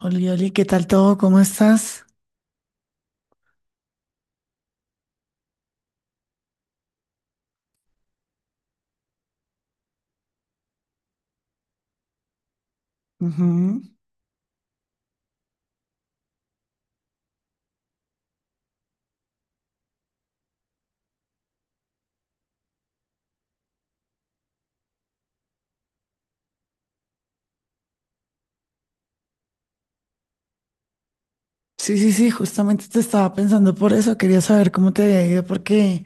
Oli, Oli, ¿qué tal todo? ¿Cómo estás? Ujú. Sí, sí, sí, justamente te estaba pensando por eso. Quería saber cómo te había ido porque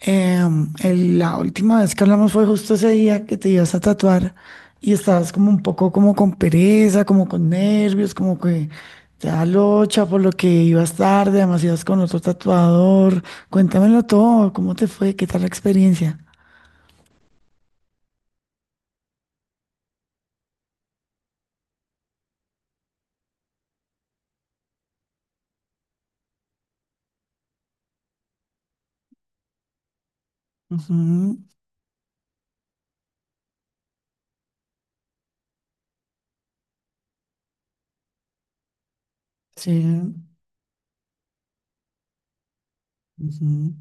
la última vez que hablamos fue justo ese día que te ibas a tatuar y estabas como un poco como con pereza, como con nervios, como que te da locha por lo que ibas tarde, además ibas con otro tatuador. Cuéntamelo todo, ¿cómo te fue? ¿Qué tal la experiencia? Ujú. Sí. Ujú,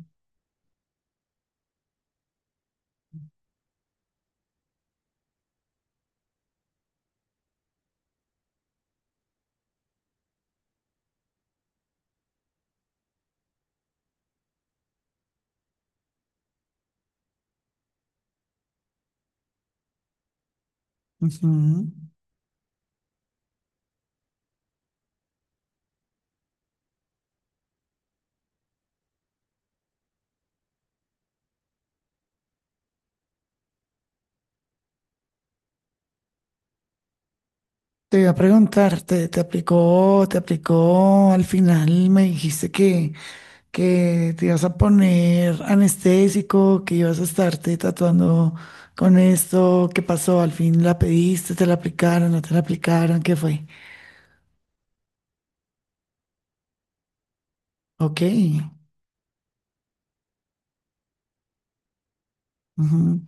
ujú. Te voy a preguntar, te aplicó, te aplicó, al final me dijiste que te ibas a poner anestésico, que ibas a estarte tatuando con esto, ¿qué pasó? Al fin la pediste, te la aplicaron, no te la aplicaron, ¿qué fue? Ok, ujú,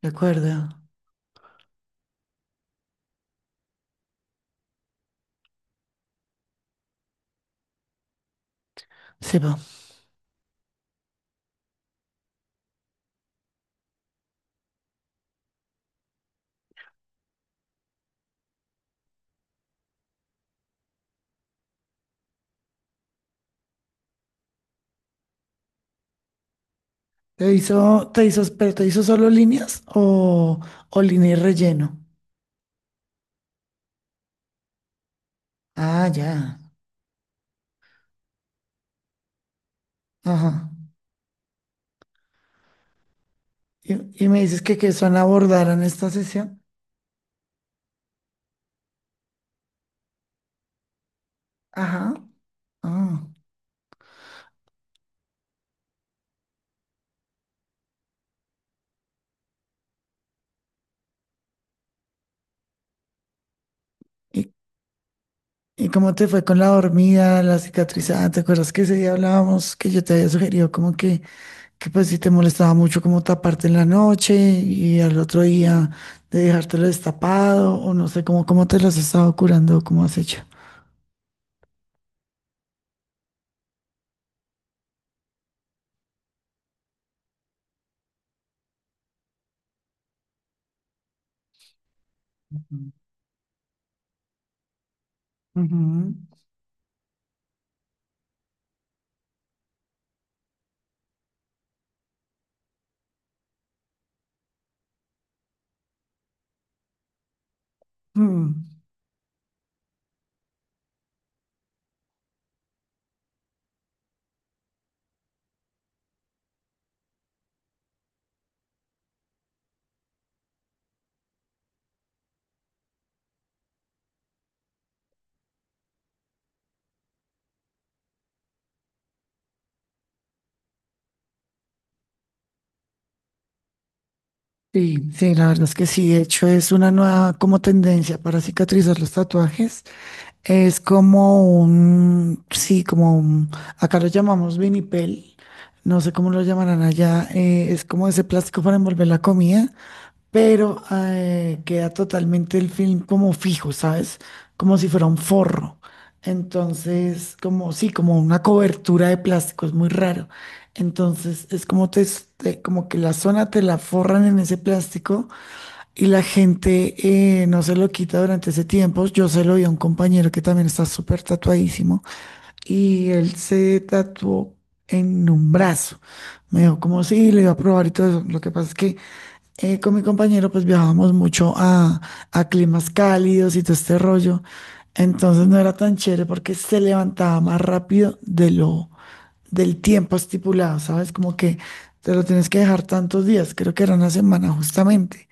de acuerdo, se va. Te hizo, pero te hizo solo líneas o línea y relleno? Ah, ya, ajá. Y me dices que son abordaron esta sesión, ajá. Ah, ¿y, y cómo te fue con la dormida, la cicatrizada? ¿Te acuerdas que ese día hablábamos que yo te había sugerido como que pues si te molestaba mucho como taparte en la noche y al otro día de dejártelo destapado o no sé cómo, cómo te lo has estado curando, cómo has hecho? Ujú. Ujú. Mm. Sí, sí, la verdad es que sí. De hecho, es una nueva como tendencia para cicatrizar los tatuajes. Es como un, sí, como un- acá lo llamamos vinipel. No sé cómo lo llamarán allá. Es como ese plástico para envolver la comida, pero queda totalmente el film como fijo, ¿sabes? Como si fuera un forro. Entonces, como sí, como una cobertura de plástico, es muy raro. Entonces, es como te, s- te- como que la zona te la forran en ese plástico y la gente no se lo quita durante ese tiempo. Yo se lo vi a un compañero que también está súper tatuadísimo y él se tatuó en un brazo. Me dijo, como sí, le iba a probar y todo eso. Lo que pasa es que con mi compañero pues viajábamos a climas cálidos y todo este rollo. Entonces no era tan chévere porque se levantaba más rápido del tiempo estipulado, ¿sabes? Como que te lo tienes que dejar tantos días, creo que era una semana justamente.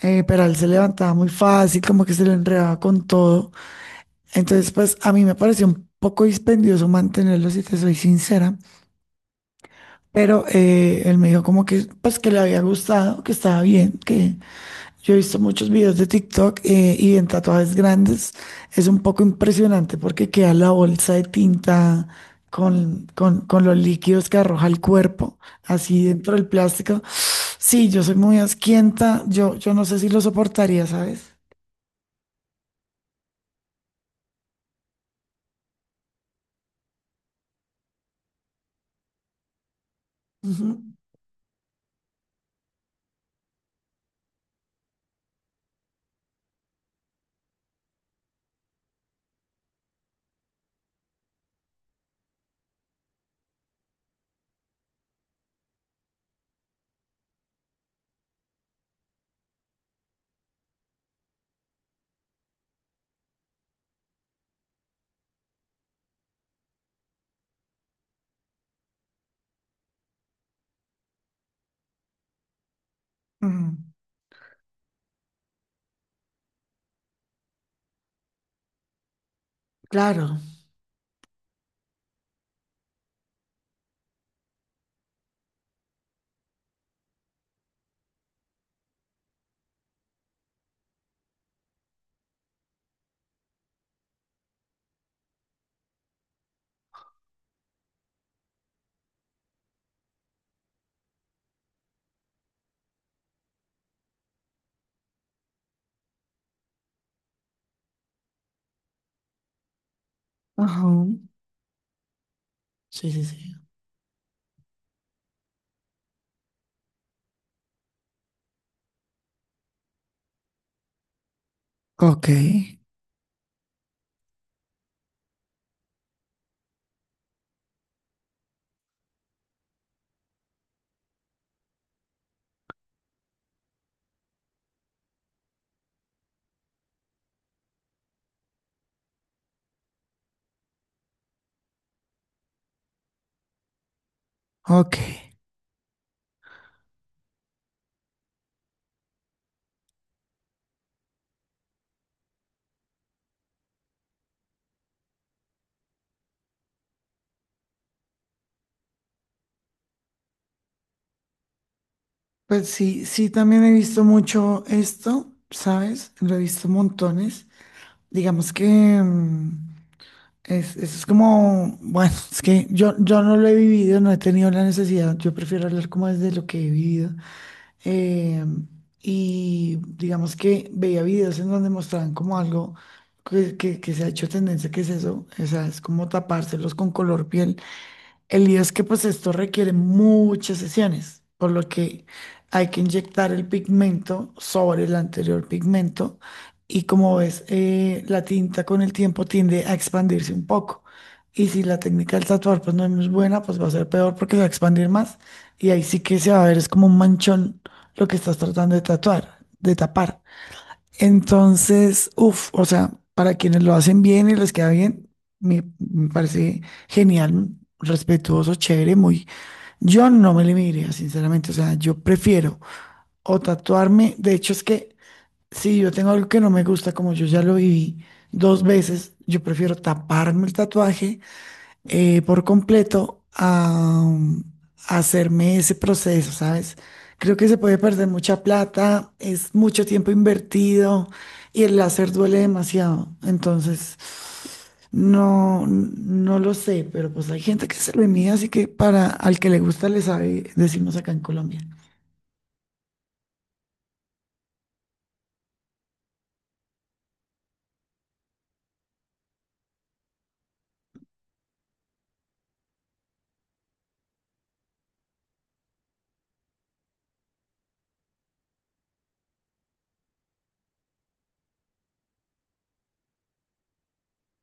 Pero él se levantaba muy fácil, como que se lo enredaba con todo. Entonces, pues a mí me pareció un poco dispendioso mantenerlo, si te soy sincera. Pero él me dijo como que, pues que le había gustado, que estaba bien, que, yo he visto muchos videos de TikTok, y en tatuajes grandes es un poco impresionante porque queda la bolsa de tinta con los líquidos que arroja el cuerpo, así dentro del plástico. Sí, yo soy muy asquienta, yo no sé si lo soportaría, ¿sabes? Ujú, ujú. Claro. Ajá. Sí, sí, sí. Ok, ok. Pues sí, sí, también he visto mucho esto, ¿sabes? Lo he visto montones. Digamos que... mm, es como, bueno, es que yo no lo he vivido, no he tenido la necesidad. Yo prefiero hablar como desde lo que he vivido. Eh, y digamos que veía videos en donde mostraban como algo que se ha hecho tendencia, que es eso, o sea, es como tapárselos con color piel. El lío es que pues esto requiere muchas sesiones, por lo que hay que inyectar el pigmento sobre el anterior pigmento y como ves, la tinta con el tiempo tiende a expandirse un poco. Y si la técnica del tatuar pues no es buena, pues va a ser peor porque se va a expandir más y ahí sí que se va a ver, es como un manchón lo que estás tratando de tatuar, de tapar. Entonces, uff, o sea, para quienes lo hacen bien y les queda bien, me parece genial, respetuoso, chévere, muy. Yo no me limitaría, sinceramente, o sea, yo prefiero o tatuarme, de hecho es que si yo tengo algo que no me gusta, como yo ya lo viví dos veces, yo prefiero taparme el tatuaje por completo a, um, a hacerme ese proceso, ¿sabes? Creo que se puede perder mucha plata, es mucho tiempo invertido y el láser duele demasiado. Entonces, no, no lo sé, pero pues hay gente que se lo envía, así que para al que le gusta le sabe, decimos acá en Colombia.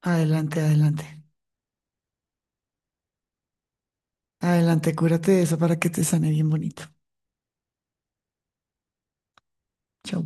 Adelante, adelante. Adelante, cúrate de eso para que te sane bien bonito. Chao.